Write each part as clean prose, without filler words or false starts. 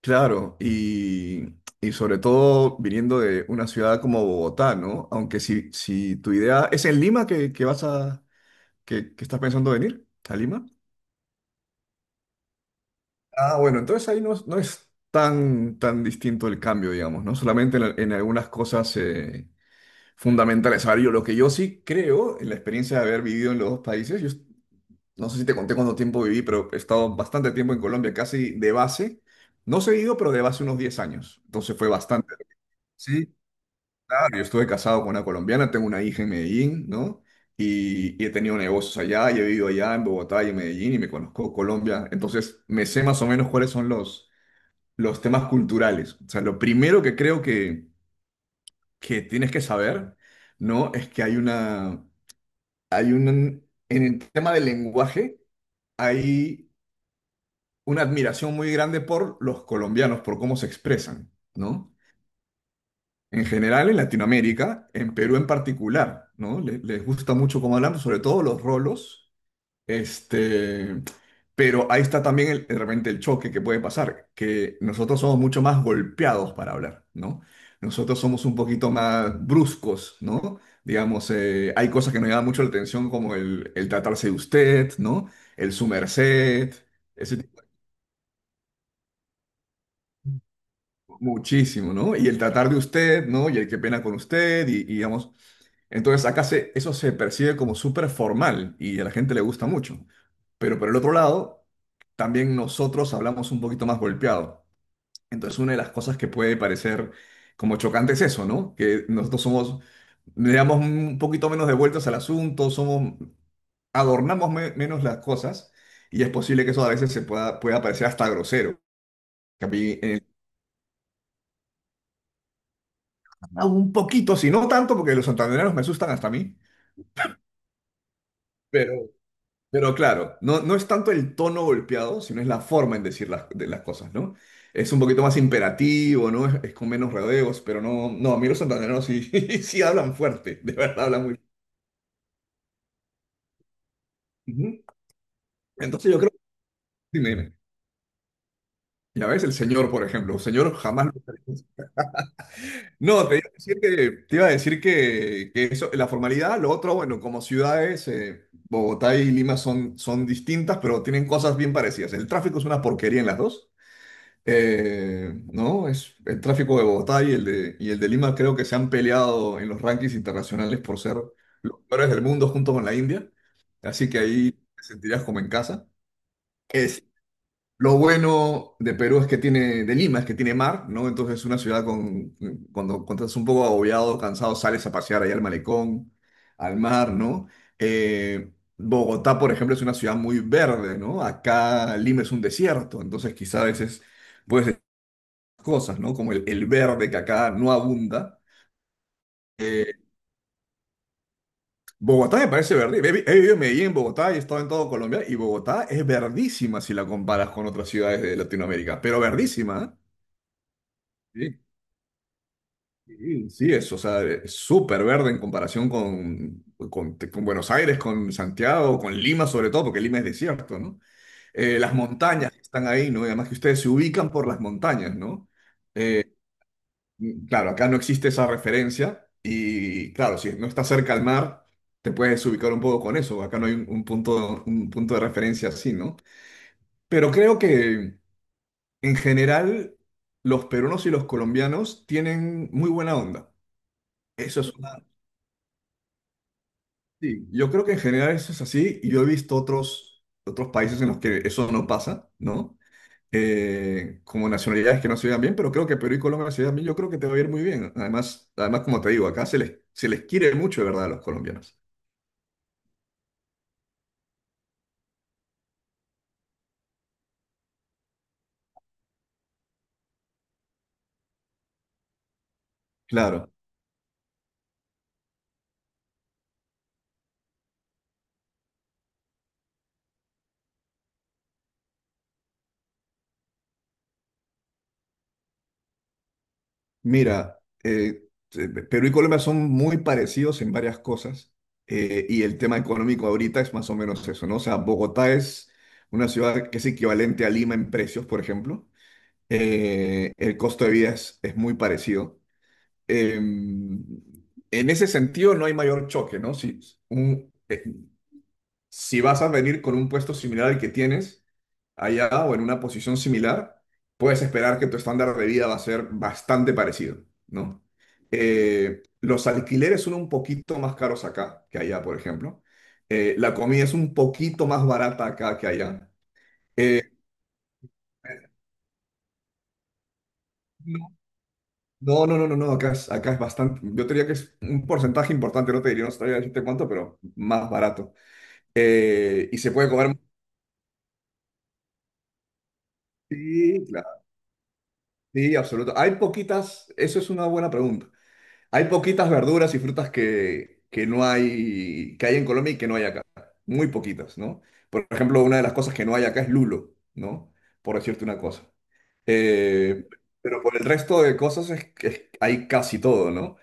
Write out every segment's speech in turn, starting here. Claro, y sobre todo viniendo de una ciudad como Bogotá, ¿no? Aunque si tu idea es en Lima que estás pensando venir, a Lima. Ah, bueno, entonces ahí no, no es tan distinto el cambio, digamos, ¿no? Solamente en algunas cosas fundamentales. A ver, yo lo que yo sí creo, en la experiencia de haber vivido en los dos países, no sé si te conté cuánto tiempo viví, pero he estado bastante tiempo en Colombia, casi de base, no seguido, pero de base unos 10 años. Entonces fue bastante. Sí. Claro, yo estuve casado con una colombiana, tengo una hija en Medellín, ¿no? Y he tenido negocios allá, y he vivido allá en Bogotá y en Medellín, y me conozco Colombia. Entonces, me sé más o menos cuáles son los temas culturales. O sea, lo primero que creo que tienes que saber, ¿no? Es que hay una, hay un, en el tema del lenguaje, hay una admiración muy grande por los colombianos, por cómo se expresan, ¿no? En general en Latinoamérica, en Perú en particular, ¿no? Les gusta mucho cómo hablamos, sobre todo los rolos, este, pero ahí está también de repente el choque que puede pasar, que nosotros somos mucho más golpeados para hablar, ¿no? Nosotros somos un poquito más bruscos, ¿no? Digamos, hay cosas que nos llaman mucho la atención como el tratarse de usted, ¿no? El su merced. Muchísimo, ¿no? Y el tratar de usted, ¿no? Y el qué pena con usted, y digamos. Entonces acá eso se percibe como súper formal y a la gente le gusta mucho. Pero por el otro lado, también nosotros hablamos un poquito más golpeado. Entonces una de las cosas que puede parecer como chocante es eso, ¿no? Que nosotros somos, le damos un poquito menos de vueltas al asunto, somos, adornamos menos las cosas y es posible que eso a veces se pueda parecer hasta grosero. Que a mí, en. Ah, un poquito, si no tanto, porque los santandereanos me asustan hasta a mí, pero, pero claro, no, no es tanto el tono golpeado, sino es la forma en decir de las cosas, ¿no? Es un poquito más imperativo, ¿no? Es con menos rodeos, pero no, no, a mí los santandereanos sí, sí hablan fuerte, de verdad hablan muy. Ujú. Entonces yo creo, dime, dime. Ya ves, el señor, por ejemplo, el señor jamás. No, te iba a decir que eso, la formalidad, lo otro, bueno, como ciudades, Bogotá y Lima son distintas, pero tienen cosas bien parecidas. El tráfico es una porquería en las dos, ¿no? El tráfico de Bogotá y el de Lima creo que se han peleado en los rankings internacionales por ser los peores del mundo junto con la India, así que ahí te sentirás como en casa. Es lo bueno de Perú es que tiene, de Lima es que tiene mar, ¿no? Entonces es una ciudad cuando estás un poco agobiado, cansado, sales a pasear allá al malecón, al mar, ¿no? Eh, Bogotá, por ejemplo, es una ciudad muy verde, ¿no? Acá Lima es un desierto, entonces quizá a veces puedes decir cosas, ¿no? Como el verde que acá no abunda. Eh, Bogotá me parece verde. He vivido en Medellín, en Bogotá, y he estado en todo Colombia, y Bogotá es verdísima si la comparas con otras ciudades de Latinoamérica, pero verdísima, ¿eh? Sí. Sí, sí, o sea, es súper verde en comparación con Buenos Aires, con Santiago, con Lima sobre todo, porque Lima es desierto, ¿no? Las montañas que están ahí, ¿no? Y además que ustedes se ubican por las montañas, ¿no? Claro, acá no existe esa referencia y claro, si no estás cerca al mar, te puedes ubicar un poco con eso. Acá no hay un punto de referencia así, ¿no? Pero creo que en general los peruanos y los colombianos tienen muy buena onda. Eso es una. Sí, yo creo que en general eso es así y yo he visto otros países en los que eso no pasa, ¿no? Como nacionalidades que no se llevan bien, pero creo que Perú y Colombia se llevan bien, yo creo que te va a ir muy bien. Además, además como te digo, acá se les quiere mucho, de verdad, a los colombianos. Claro, mira, Perú y Colombia son muy parecidos en varias cosas, y el tema económico ahorita es más o menos eso, ¿no? O sea, Bogotá es una ciudad que es equivalente a Lima en precios, por ejemplo. El costo de vida es muy parecido. Eh, en ese sentido, no hay mayor choque, ¿no? Si, un- eh, si vas a venir con un puesto similar al que tienes allá o en una posición similar, puedes esperar que tu estándar de vida va a ser bastante parecido, ¿no? Los alquileres son un poquito más caros acá que allá, por ejemplo. La comida es un poquito más barata acá que allá. Eh, No, no, no, no, no, acá es bastante, yo te diría que es un porcentaje importante, no te diría, no sabría decirte cuánto, pero más barato. Y se puede comer. Sí, claro, sí, absoluto. Hay poquitas, eso es una buena pregunta. Hay poquitas verduras y frutas que no hay, que hay en Colombia y que no hay acá. Muy poquitas, ¿no? Por ejemplo, una de las cosas que no hay acá es lulo, ¿no? Por decirte una cosa. Eh, pero por el resto de cosas que hay casi todo, ¿no?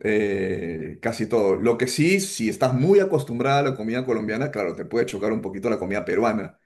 Casi todo. Lo que sí, si estás muy acostumbrada a la comida colombiana, claro, te puede chocar un poquito la comida peruana,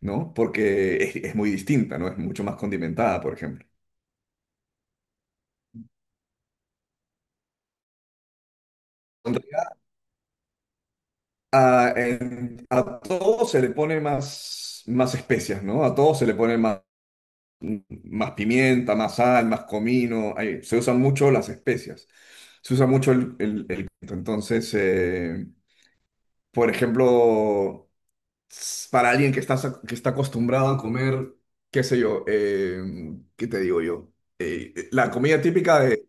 ¿no? Porque es muy distinta, ¿no? Es mucho más condimentada, por ejemplo. En realidad, a todo se le pone más especias, ¿no? A todo se le pone más pimienta, más sal, más comino. Ahí, se usan mucho las especias. Se usa mucho el pimiento. Entonces, por ejemplo. Para alguien que está, acostumbrado a comer, qué sé yo, ¿qué te digo yo? La comida típica de,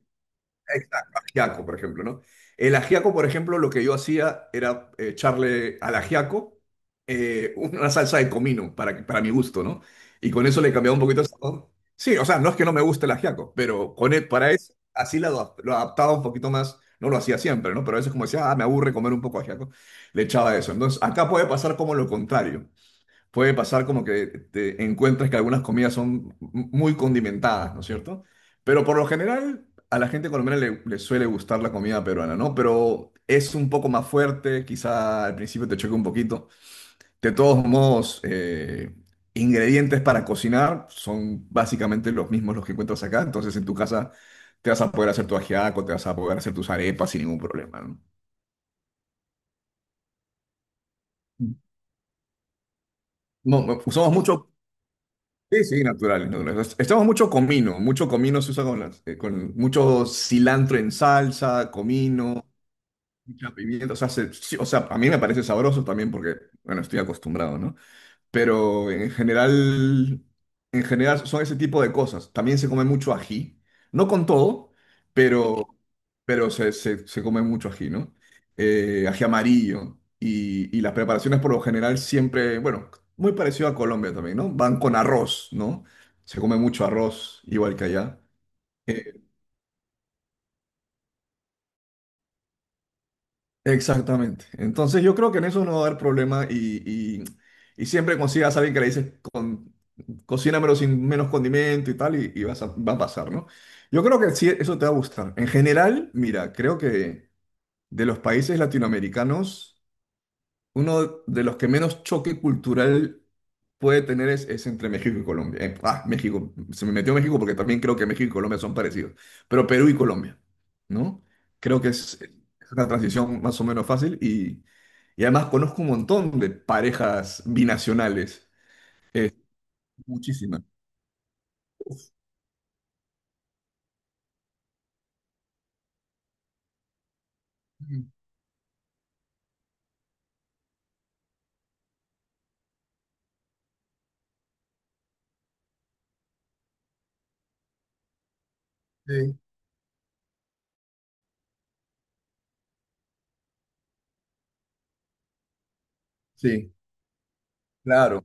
exacto, ajiaco, por ejemplo, ¿no? El ajiaco, por ejemplo, lo que yo hacía era echarle al ajiaco una salsa de comino para mi gusto, ¿no? Y con eso le cambiaba un poquito el sabor. Sí, o sea, no es que no me guste el ajiaco, pero para eso, así lo adaptaba un poquito más. No lo hacía siempre, ¿no? Pero a veces como decía, ah, me aburre comer un poco de ajiaco, le echaba eso. Entonces, acá puede pasar como lo contrario, puede pasar como que te encuentres que algunas comidas son muy condimentadas, ¿no es cierto? Pero por lo general a la gente colombiana le suele gustar la comida peruana, ¿no? Pero es un poco más fuerte, quizá al principio te choque un poquito. De todos modos, ingredientes para cocinar son básicamente los mismos los que encuentras acá, entonces en tu casa te vas a poder hacer tu ajiaco, te vas a poder hacer tus arepas sin ningún problema, ¿no? No, no, usamos mucho. Sí, sí, naturales, naturales. Estamos mucho comino se usa con con mucho cilantro en salsa, comino, mucha pimienta, o sea, sí, o sea, a mí me parece sabroso también porque, bueno, estoy acostumbrado, ¿no? Pero en general son ese tipo de cosas. También se come mucho ají, no con todo. Ok. pero, pero se come mucho ají, ¿no? Ají amarillo. Y las preparaciones por lo general siempre, bueno, muy parecido a Colombia también, ¿no? Van con arroz, ¿no? Se come mucho arroz, igual que allá. Exactamente. Entonces yo creo que en eso no va a haber problema y siempre consigas a alguien que le dices, cocínamelo sin menos condimento y tal, y va a pasar, ¿no? Yo creo que sí, eso te va a gustar. En general, mira, creo que de los países latinoamericanos. Uno de los que menos choque cultural puede tener es entre México y Colombia. Ah, México, se me metió México porque también creo que México y Colombia son parecidos, pero Perú y Colombia, ¿no? Creo que es una transición más o menos fácil y además conozco un montón de parejas binacionales, eh, muchísimas. Mm. Sí. Sí, claro,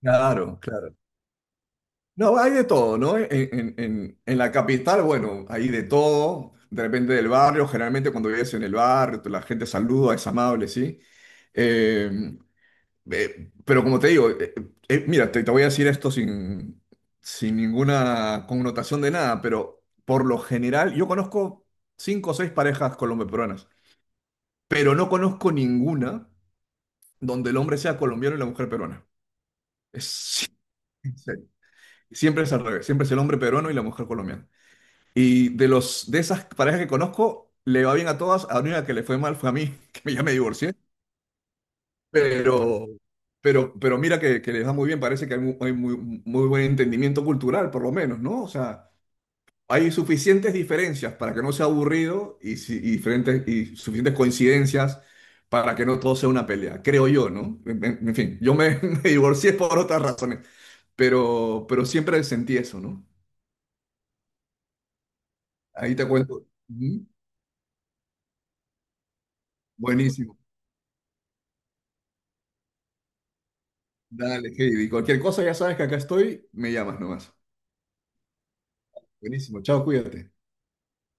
claro, claro. No, hay de todo, ¿no? En la capital, bueno, hay de todo, de repente del barrio, generalmente cuando vives en el barrio, la gente saluda, es amable, ¿sí? Eh, pero como te digo, mira, te voy a decir esto sin ninguna connotación de nada, pero por lo general, yo conozco cinco o seis parejas colombo-peruanas, pero no conozco ninguna donde el hombre sea colombiano y la mujer peruana. Es- siempre es al revés, siempre es el hombre peruano y la mujer colombiana. Y de esas parejas que conozco, le va bien a todas. A la única que le fue mal fue a mí, que ya me divorcié. Pero, pero mira que les va muy bien. Parece que hay muy, muy buen entendimiento cultural, por lo menos, ¿no? O sea, hay suficientes diferencias para que no sea aburrido y, si- y diferentes, y suficientes coincidencias para que no todo sea una pelea, creo yo, ¿no? En fin, me divorcié por otras razones, pero siempre sentí eso, ¿no? Ahí te cuento. Ujú. Buenísimo. Dale, Heidi. Cualquier cosa ya sabes que acá estoy, me llamas nomás. Buenísimo, chao, cuídate.